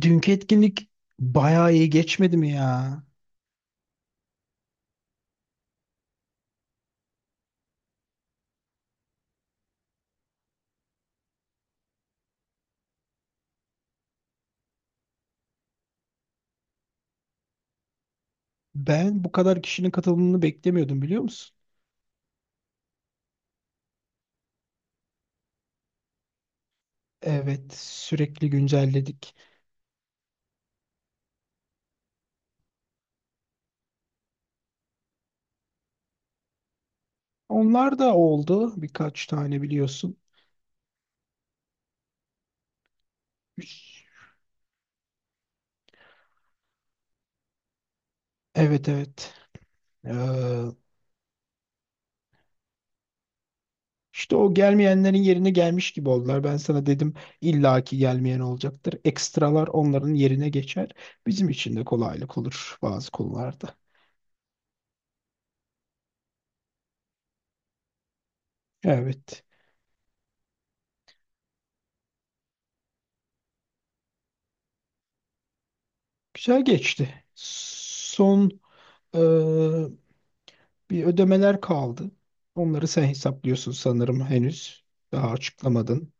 Dünkü etkinlik bayağı iyi geçmedi mi ya? Ben bu kadar kişinin katılımını beklemiyordum, biliyor musun? Evet, sürekli güncelledik. Onlar da oldu birkaç tane, biliyorsun. Evet, evet. Ee, işte o gelmeyenlerin yerine gelmiş gibi oldular. Ben sana dedim, illaki gelmeyen olacaktır. Ekstralar onların yerine geçer. Bizim için de kolaylık olur bazı konularda. Evet. Güzel geçti. Son ee, Bir ödemeler kaldı. Onları sen hesaplıyorsun sanırım henüz. Daha açıklamadın.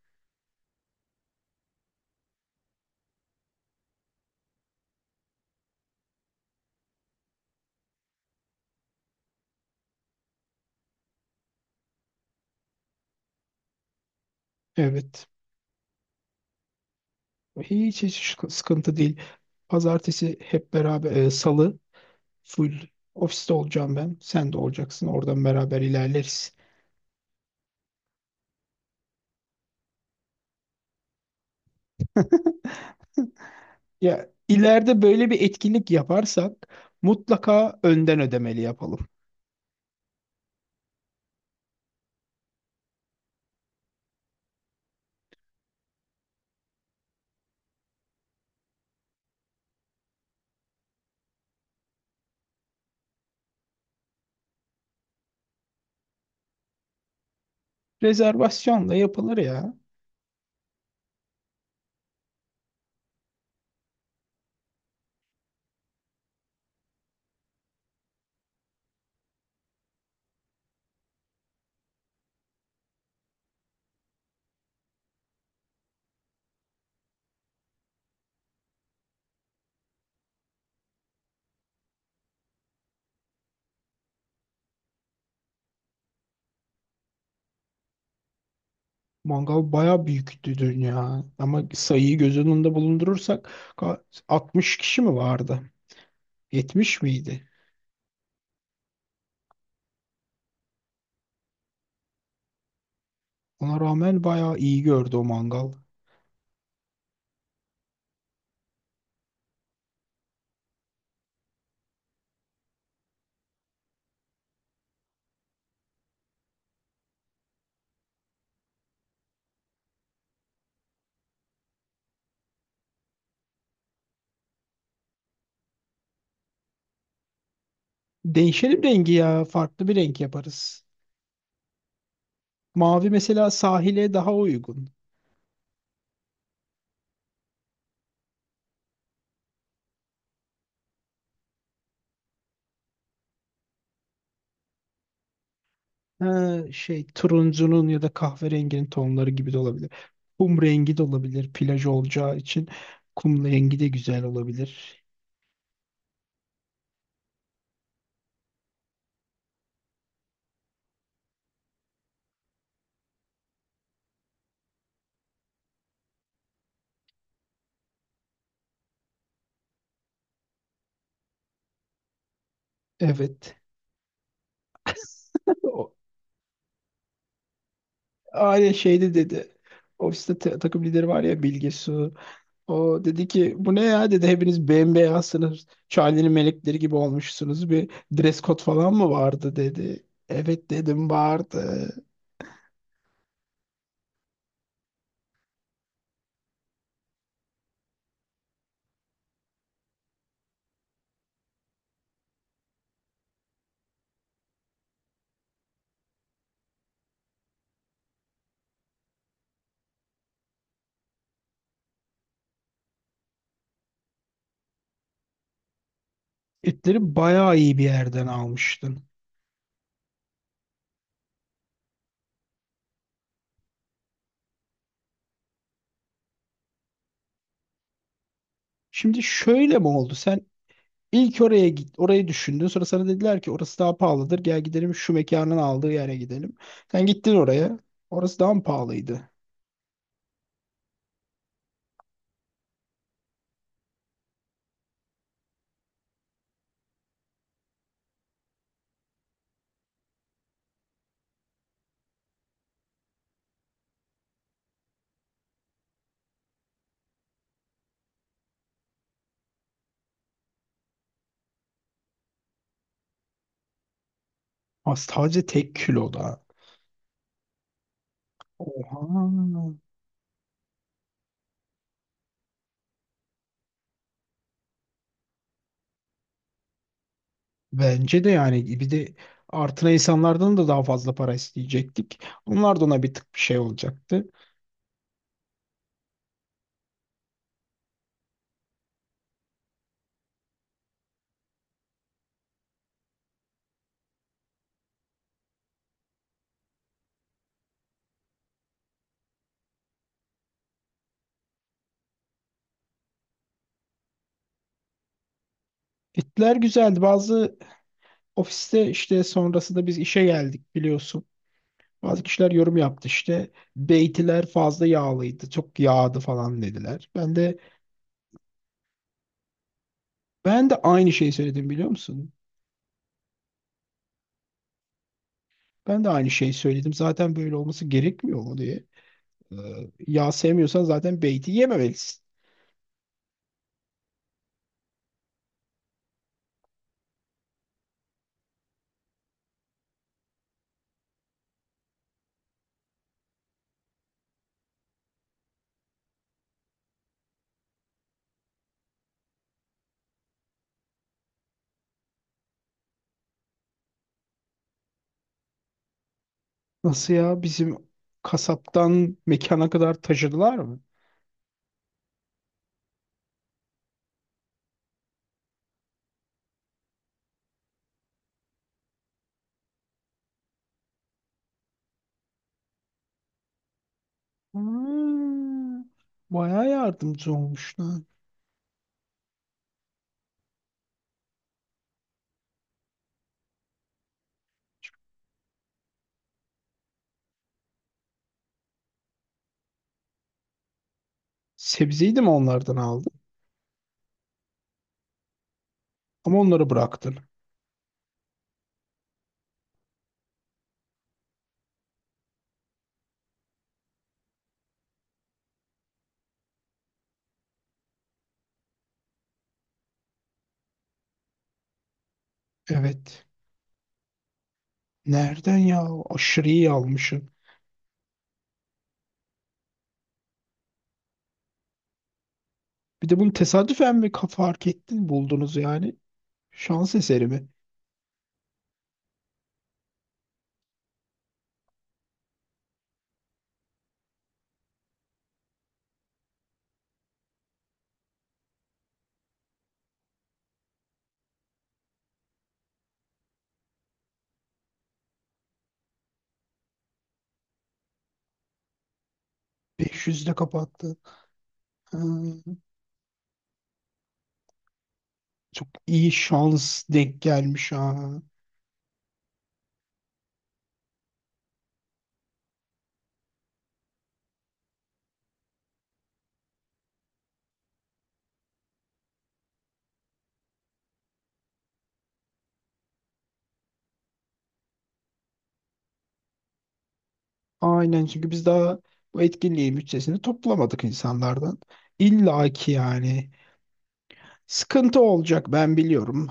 Evet. Hiç sıkıntı değil. Pazartesi hep beraber salı full ofiste olacağım ben. Sen de olacaksın. Oradan beraber ilerleriz. Ya ileride böyle bir etkinlik yaparsak mutlaka önden ödemeli yapalım. Rezervasyonla yapılır ya. Mangal bayağı büyüktü dün ya. Ama sayıyı göz önünde bulundurursak ka- 60 kişi mi vardı? 70 miydi? Ona rağmen bayağı iyi gördü o mangal. Değişelim rengi ya. Farklı bir renk yaparız. Mavi mesela sahile daha uygun. Ha, şey, turuncunun ya da kahverenginin tonları gibi de olabilir. Kum rengi de olabilir plaj olacağı için. Kum rengi de güzel olabilir. Evet. O aynı şeyde dedi. Ofiste takım lideri var ya, Bilge Su. O dedi ki bu ne ya, dedi, hepiniz bembeyazsınız. Charlie'nin melekleri gibi olmuşsunuz. Bir dress code falan mı vardı, dedi. Evet, dedim, vardı. İtleri bayağı iyi bir yerden almıştın. Şimdi şöyle mi oldu? Sen ilk oraya git, orayı düşündün. Sonra sana dediler ki orası daha pahalıdır, gel gidelim şu mekanın aldığı yere gidelim. Sen gittin oraya. Orası daha mı pahalıydı? Ha, sadece tek kiloda. Oha. Bence de, yani, bir de artına insanlardan da daha fazla para isteyecektik. Onlar da ona bir tık bir şey olacaktı. Gittiler, güzeldi. Bazı ofiste işte sonrasında biz işe geldik, biliyorsun. Bazı kişiler yorum yaptı, işte beytiler fazla yağlıydı, çok yağdı falan dediler. Ben de aynı şeyi söyledim, biliyor musun? Ben de aynı şeyi söyledim. Zaten böyle olması gerekmiyor mu diye. Ee, Yağ sevmiyorsan zaten beyti yememelisin. Nasıl ya? Bizim kasaptan mekana kadar taşıdılar mı? Hmm, bayağı yardımcı olmuşlar. Sebzeyi de mi onlardan aldın? Ama onları bıraktın. Evet. Nereden ya? Aşırı iyi almışsın. Bir de bunu tesadüfen mi fark ettin, buldunuz yani? Şans eseri mi? Beş de kapattı. Ha, çok iyi şans denk gelmiş ha. Aynen, çünkü biz daha bu etkinliğin bütçesini toplamadık insanlardan. İlla ki yani sıkıntı olacak, ben biliyorum.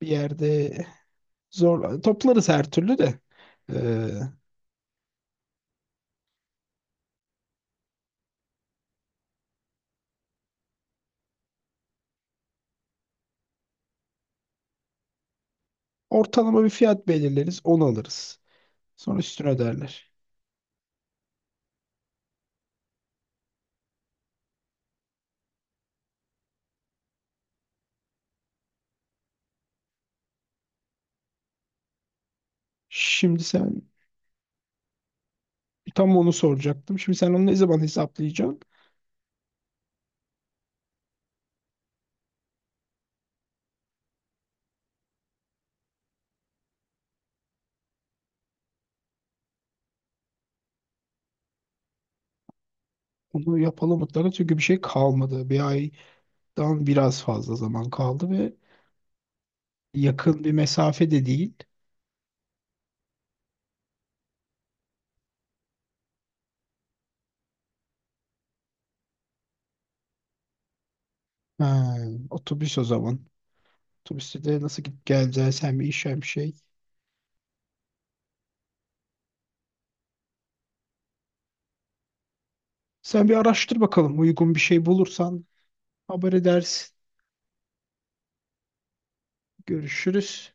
Bir yerde zor toplarız her türlü de. Ee, Ortalama bir fiyat belirleriz, onu alırız. Sonra üstüne öderler. Şimdi sen tam onu soracaktım. Şimdi sen onu ne zaman hesaplayacaksın? Onu yapalım mutlaka çünkü bir şey kalmadı. Bir aydan biraz fazla zaman kaldı ve yakın bir mesafe de değil. Ha, otobüs o zaman. Otobüste de nasıl gidip geleceğiz? Sen bir iş hem şey. Sen bir araştır bakalım, uygun bir şey bulursan haber edersin. Görüşürüz.